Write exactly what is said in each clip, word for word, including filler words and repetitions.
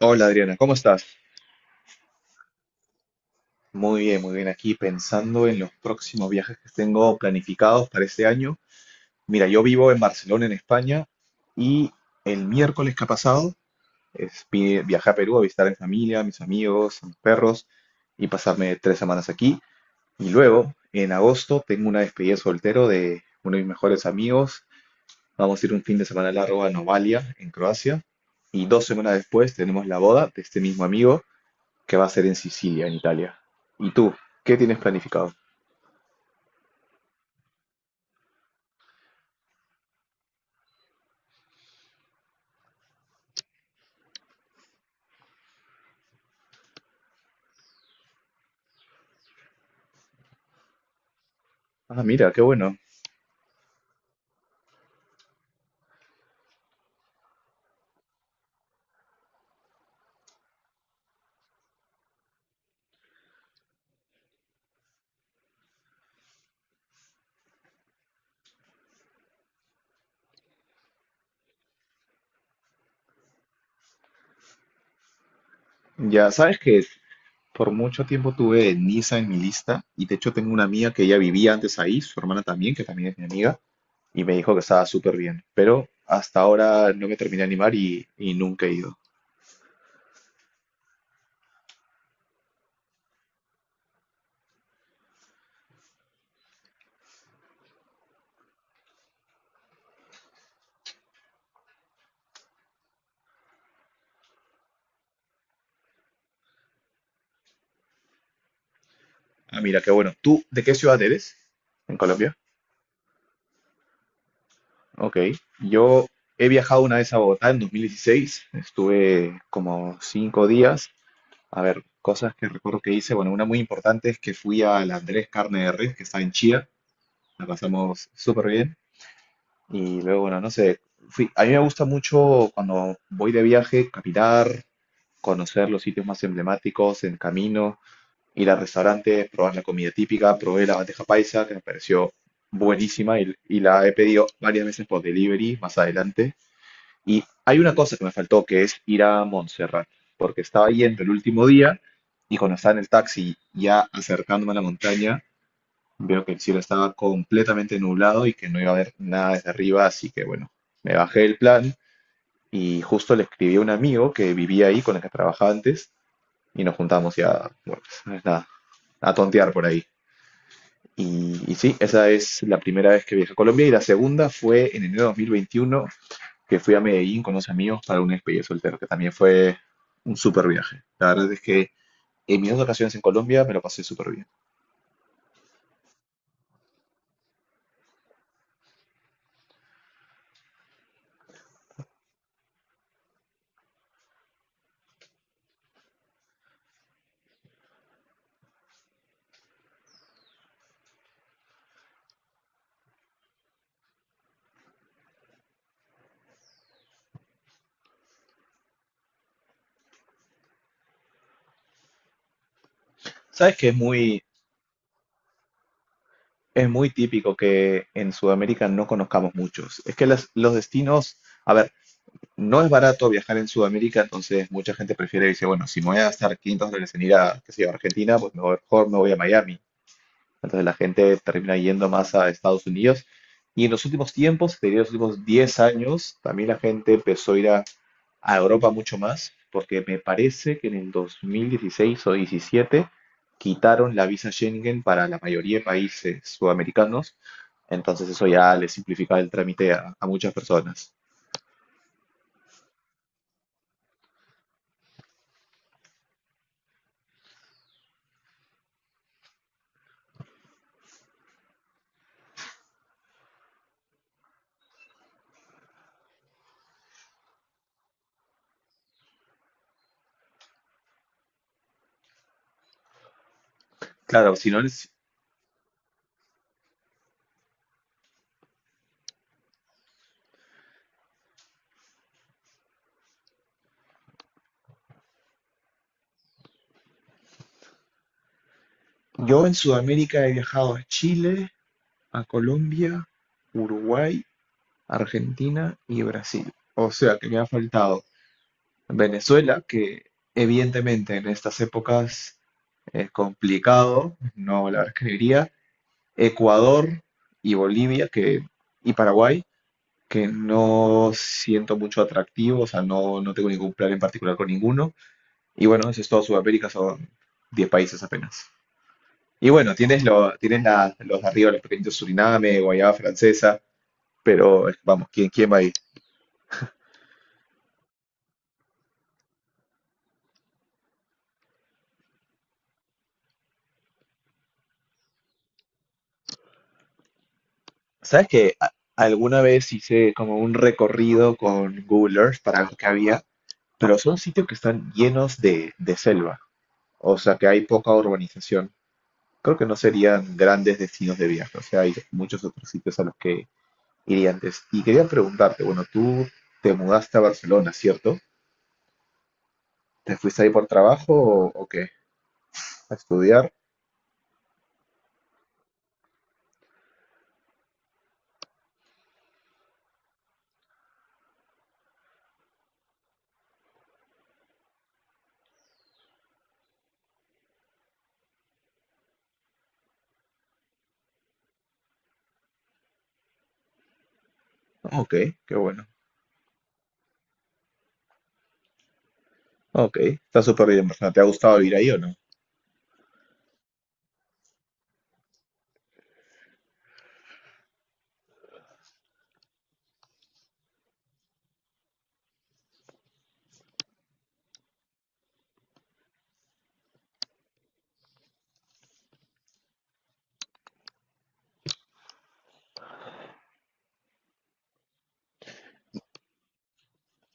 Hola Adriana, ¿cómo estás? Muy bien, muy bien. Aquí pensando en los próximos viajes que tengo planificados para este año. Mira, yo vivo en Barcelona, en España, y el miércoles que ha pasado es, vi- viajé a Perú a visitar a mi familia, a mis amigos, a mis perros y pasarme tres semanas aquí. Y luego, en agosto, tengo una despedida de soltero de uno de mis mejores amigos. Vamos a ir un fin de semana largo a Novalia, en Croacia. Y dos semanas después tenemos la boda de este mismo amigo, que va a ser en Sicilia, en Italia. ¿Y tú? ¿Qué tienes planificado? Ah, mira, qué bueno. Ya sabes que por mucho tiempo tuve Niza en mi lista y de hecho tengo una amiga que ella vivía antes ahí, su hermana también, que también es mi amiga, y me dijo que estaba súper bien. Pero hasta ahora no me terminé de animar y, y nunca he ido. Ah, mira, qué bueno. ¿Tú de qué ciudad eres? ¿En Colombia? Ok. Yo he viajado una vez a Bogotá en dos mil dieciséis. Estuve como cinco días. A ver, cosas que recuerdo que hice. Bueno, una muy importante es que fui al Andrés Carne de Res, que está en Chía. La pasamos súper bien. Y luego, bueno, no sé. Fui. A mí me gusta mucho cuando voy de viaje, caminar, conocer los sitios más emblemáticos en camino, ir a restaurantes, probar la comida típica. Probé la bandeja paisa, que me pareció buenísima y, y la he pedido varias veces por delivery más adelante. Y hay una cosa que me faltó, que es ir a Montserrat, porque estaba yendo el último día y cuando estaba en el taxi ya acercándome a la montaña, veo que el cielo estaba completamente nublado y que no iba a haber nada desde arriba, así que bueno, me bajé el plan y justo le escribí a un amigo que vivía ahí, con el que trabajaba antes, y nos juntamos ya, bueno, pues, nada, a tontear por ahí. Y, y sí, esa es la primera vez que viajé a Colombia y la segunda fue en enero de dos mil veintiuno, que fui a Medellín con unos amigos para una despedida de soltero, que también fue un súper viaje. La verdad es que en mis dos ocasiones en Colombia me lo pasé súper bien. Sabes que es muy, es muy típico que en Sudamérica no conozcamos muchos. Es que las- los destinos, a ver, no es barato viajar en Sudamérica, entonces mucha gente prefiere dice, bueno, si me voy a gastar quinientos dólares en ir a, qué sé yo, Argentina, pues mejor, mejor me voy a Miami. Entonces la gente termina yendo más a Estados Unidos. Y en los últimos tiempos, te diría los últimos diez años, también la gente empezó a ir a a Europa mucho más, porque me parece que en el dos mil dieciséis o diecisiete quitaron la visa Schengen para la mayoría de países sudamericanos, entonces eso ya le simplifica el trámite a, a muchas personas. Claro, si no, es- yo en Sudamérica he viajado a Chile, a Colombia, Uruguay, Argentina y Brasil. O sea que me ha faltado Venezuela, que evidentemente en estas épocas es complicado, no la escribiría. Ecuador y Bolivia que, y Paraguay, que no siento mucho atractivo, o sea, no, no tengo ningún plan en particular con ninguno. Y bueno, eso es todo Sudamérica, son diez países apenas. Y bueno, tienes, lo, tienes la- los de arriba, los pequeños Suriname, Guayana Francesa, pero vamos, ¿quién, quién va ahí? ¿Sabes que a- alguna vez hice como un recorrido con Google Earth para ver qué había? Pero son sitios que están llenos de, de selva, o sea que hay poca urbanización. Creo que no serían grandes destinos de viaje, o sea, hay muchos otros sitios a los que iría antes. Y quería preguntarte, bueno, tú te mudaste a Barcelona, ¿cierto? ¿Te fuiste ahí por trabajo o, o qué? ¿A estudiar? Ok, qué bueno. Ok, está súper bien, Barcelona. ¿Te ha gustado vivir ahí o no?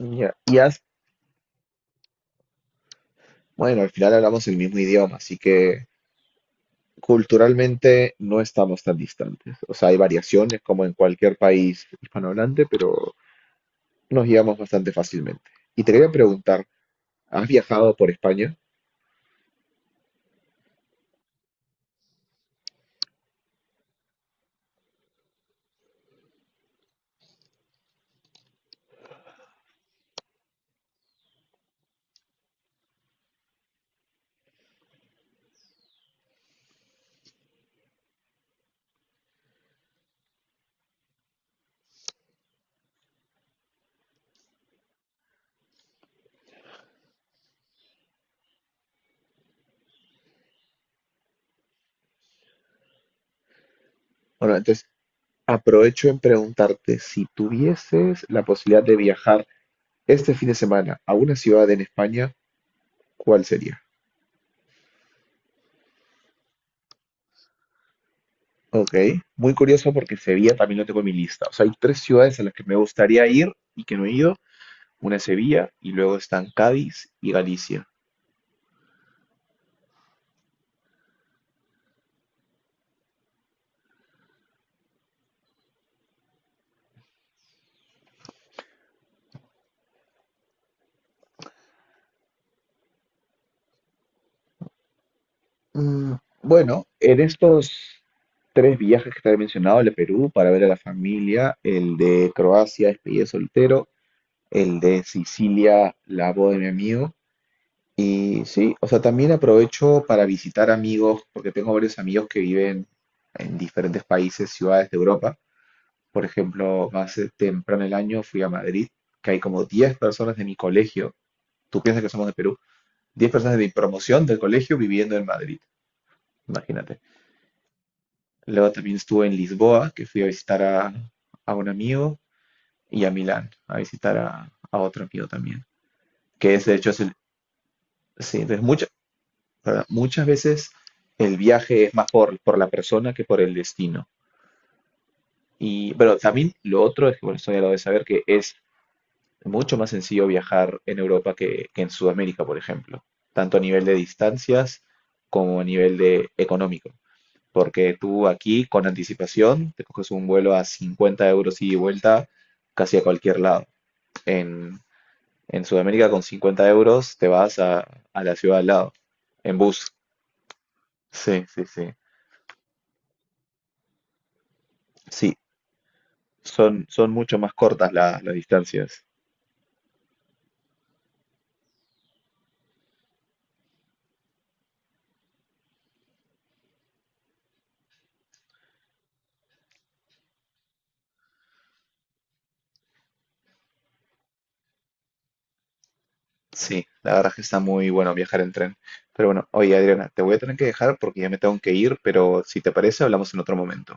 Ya, y has- bueno, al final hablamos el mismo idioma, así que culturalmente no estamos tan distantes. O sea, hay variaciones como en cualquier país hispanohablante, pero nos llevamos bastante fácilmente. Y te quería preguntar, ¿has viajado por España? Bueno, entonces aprovecho en preguntarte si tuvieses la posibilidad de viajar este fin de semana a una ciudad en España, ¿cuál sería? Ok, muy curioso porque Sevilla también lo tengo en mi lista. O sea, hay tres ciudades a las que me gustaría ir y que no he ido. Una es Sevilla y luego están Cádiz y Galicia. Mm, bueno, en estos tres viajes que te he mencionado, el de Perú para ver a la familia, el de Croacia, despedida de soltero, el de Sicilia, la boda de mi amigo. Y sí, o sea, también aprovecho para visitar amigos, porque tengo varios amigos que viven en diferentes países, ciudades de Europa. Por ejemplo, más eh, temprano el año fui a Madrid, que hay como diez personas de mi colegio, tú piensas que somos de Perú, diez personas de mi promoción del colegio viviendo en Madrid, imagínate. Luego también estuve en Lisboa, que fui a visitar a, a un amigo, y a Milán, a visitar a, a otro amigo también, que es de hecho es el... Sí, entonces mucha, ¿verdad? Muchas veces el viaje es más por, por la persona que por el destino. Y, pero también lo otro es que, bueno, esto ya lo de saber que es mucho más sencillo viajar en Europa que, que en Sudamérica, por ejemplo, tanto a nivel de distancias como a nivel de económico. Porque tú aquí, con anticipación, te coges un vuelo a cincuenta euros ida y vuelta casi a cualquier lado. En, en, Sudamérica, con cincuenta euros, te vas a, a la ciudad al lado, en bus. Sí, sí, sí. Sí, Son, son mucho más cortas la- las distancias. Sí, la verdad es que está muy bueno viajar en tren. Pero bueno, oye Adriana, te voy a tener que dejar porque ya me tengo que ir, pero si te parece, hablamos en otro momento.